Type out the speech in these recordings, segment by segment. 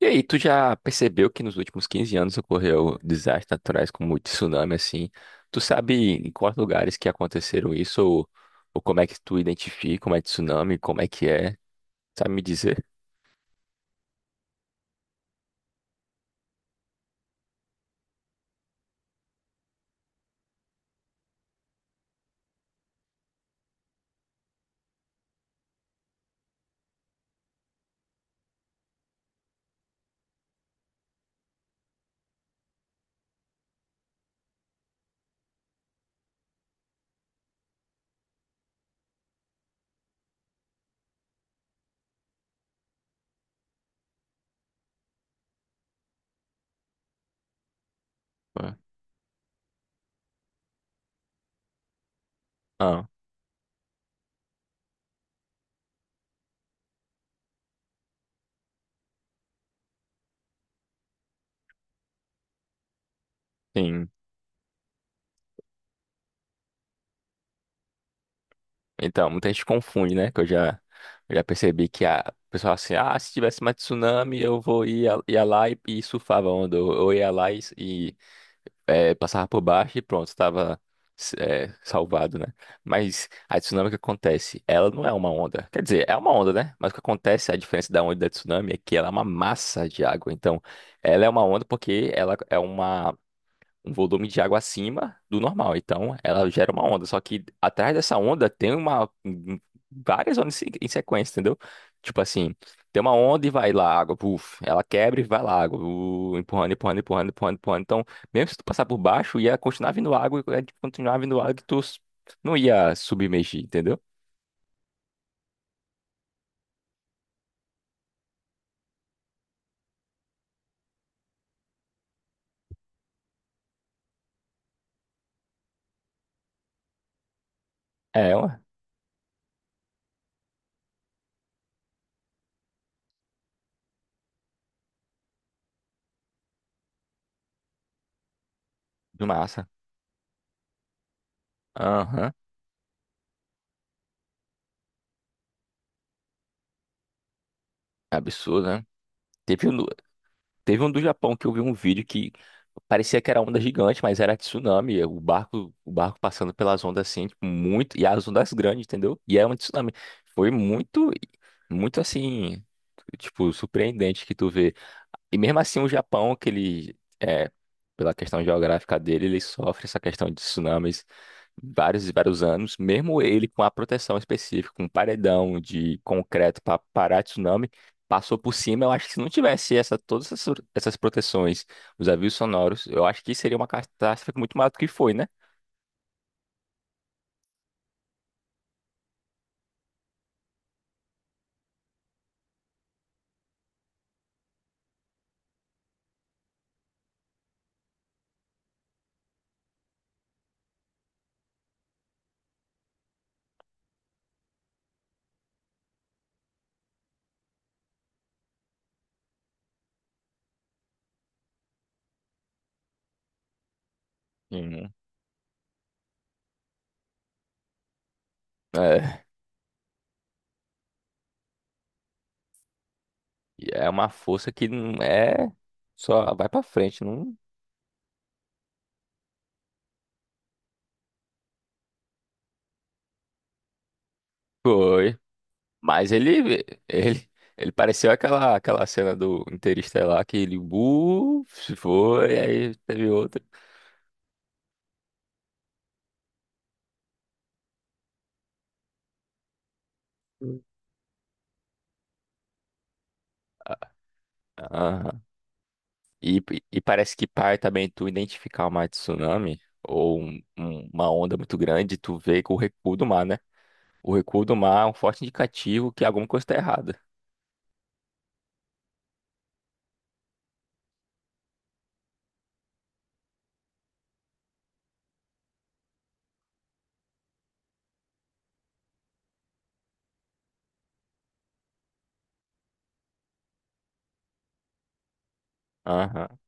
E aí, tu já percebeu que nos últimos 15 anos ocorreu desastres naturais como tsunami, assim? Tu sabe em quais lugares que aconteceram isso? Ou como é que tu identifica como é tsunami? Como é que é? Sabe me dizer? Ué. Ah, sim. Então, muita gente confunde, né? Que eu já percebi que a o pessoal assim, ah, se tivesse mais tsunami, eu ia lá e surfava a onda. Ou eu ia lá e, passava por baixo e pronto, estava salvado, né? Mas a tsunami, o que acontece? Ela não é uma onda. Quer dizer, é uma onda, né? Mas o que acontece, a diferença da onda e da tsunami é que ela é uma massa de água. Então, ela é uma onda porque ela é uma um volume de água acima do normal. Então, ela gera uma onda. Só que atrás dessa onda tem várias ondas em sequência, entendeu? Tipo assim, tem uma onda e vai lá água, puf, ela quebra e vai lá água, empurrando, empurrando, empurrando, empurrando, empurrando. Então, mesmo se tu passar por baixo, ia continuar vindo água, ia continuar vindo água que não ia submergir, entendeu? É, ué, de massa. Aham. Absurdo, né? Teve, Teve um do Japão que eu vi um vídeo que parecia que era onda gigante, mas era tsunami. O barco passando pelas ondas assim, tipo, muito. E as ondas grandes, entendeu? E era um tsunami. Foi muito, muito assim, tipo, surpreendente que tu vê. E mesmo assim, o Japão, que ele, pela questão geográfica dele, ele sofre essa questão de tsunamis vários e vários anos. Mesmo ele com a proteção específica, com um paredão de concreto para parar tsunami passou por cima. Eu acho que se não tivesse todas essas proteções, os avisos sonoros, eu acho que seria uma catástrofe muito maior do que foi, né? Uhum. É, e é uma força que não é só vai pra frente, não. Foi. Mas ele pareceu aquela cena do Interestelar que ele, se foi, aí teve outra. Aham. E, e parece que par também tu identificar uma tsunami ou uma onda muito grande, tu vê com o recuo do mar, né? O recuo do mar é um forte indicativo que alguma coisa está errada. Aham.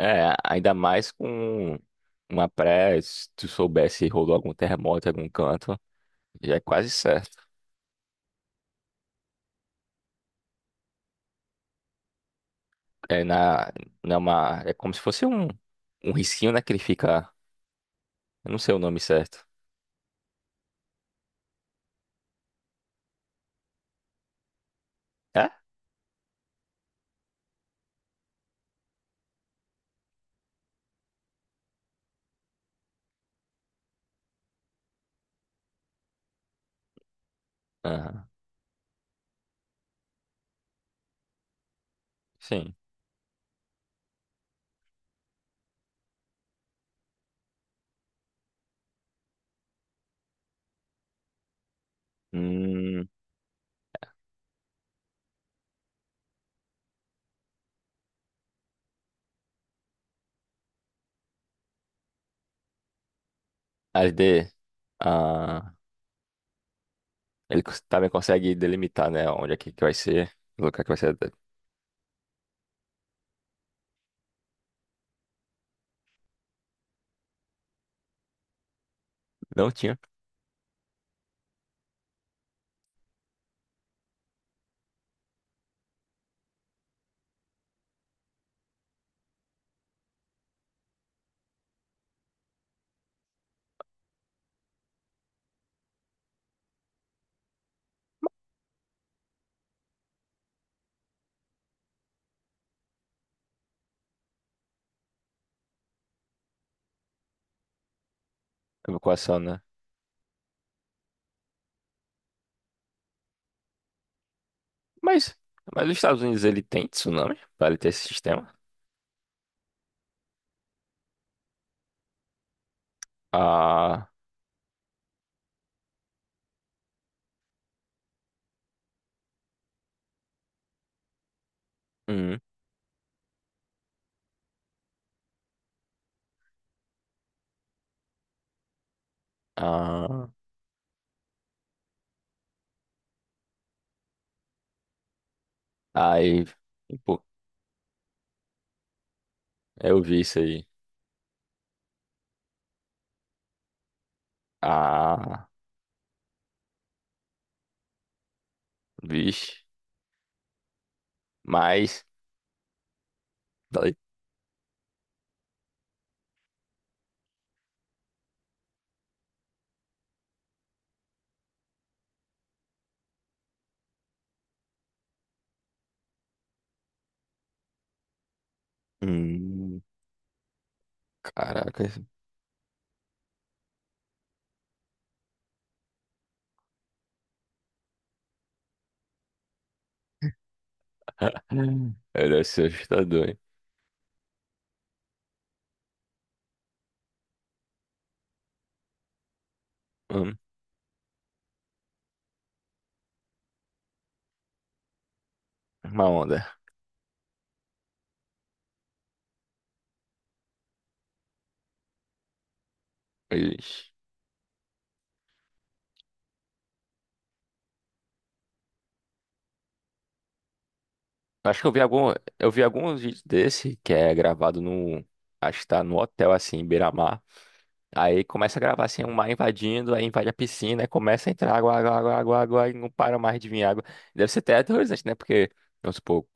É, ainda mais com se tu soubesse rolou algum terremoto em algum canto, já é quase certo. É na uma, é como se fosse um, risquinho, né, que ele fica, eu não sei o nome certo. É? Aham. Sim. Hum, as D. Ah. Também consegue delimitar, né? Onde é que vai ser, o lugar que vai ser. Não tinha evacuação, né? Mas, mas os Estados Unidos, ele tem tsunami, pra ele ter esse sistema. Ah. Hum. Ah, aí, pô, eu vi isso aí. Ah, vixe. Mas, falei, hum, caraca, isso- Hum. Ele deve ser assustador, hein? Hum, uma onda. Ixi. Acho que eu vi alguns vídeos desse que é gravado no, acho que tá no hotel assim, em beira. Aí começa a gravar assim, um mar invadindo, aí invade a piscina, aí começa a entrar água, água, água, água, água, e não para mais de vir água. Deve ser até aterrorizante, né? Porque, vamos supor,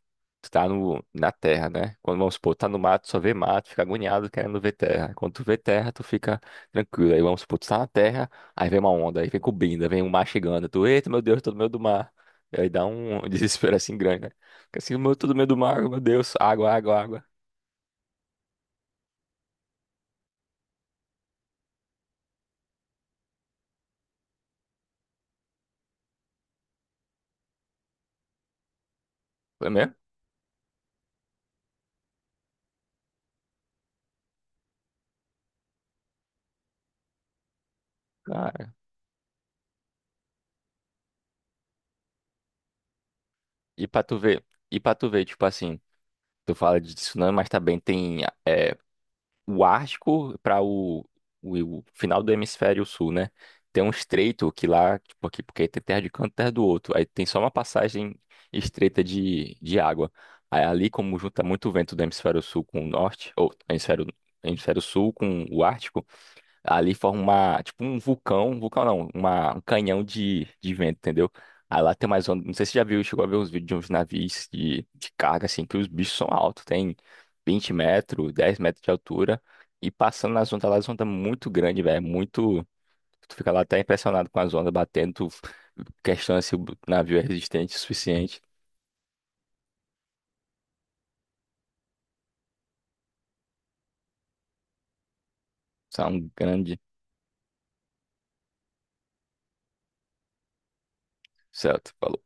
tu tá no, na terra, né? Quando, vamos supor, tá no mato, só vê mato, fica agoniado querendo ver terra. Quando tu vê terra, tu fica tranquilo. Aí, vamos supor, tu tá na terra, aí vem uma onda, aí vem cobrindo, aí vem um mar chegando. Tu, eita, meu Deus, tô no meio do mar. E aí dá um desespero assim grande, né? Fica assim, meu, tô no meio do mar, meu Deus, água, água, água. Foi mesmo? Cara, e pra tu ver, e pra tu ver, tipo assim. Tu fala de tsunami, mas também tem o Ártico para o, final do hemisfério sul, né? Tem um estreito que lá, tipo aqui, porque tem terra de um canto e terra do outro. Aí tem só uma passagem estreita de água. Aí ali, como junta muito vento do hemisfério sul com o norte, ou hemisfério sul com o Ártico, ali forma tipo um vulcão não, um canhão de vento, entendeu? Aí lá tem mais onda, não sei se você já viu, chegou a ver uns vídeos de uns navios de carga, assim, que os bichos são altos, tem 20 metros, 10 metros de altura, e passando nas ondas lá, as ondas muito grandes, velho, é muito... Tu fica lá até impressionado com as ondas batendo, tu questiona se o navio é resistente o suficiente, são grande, certo?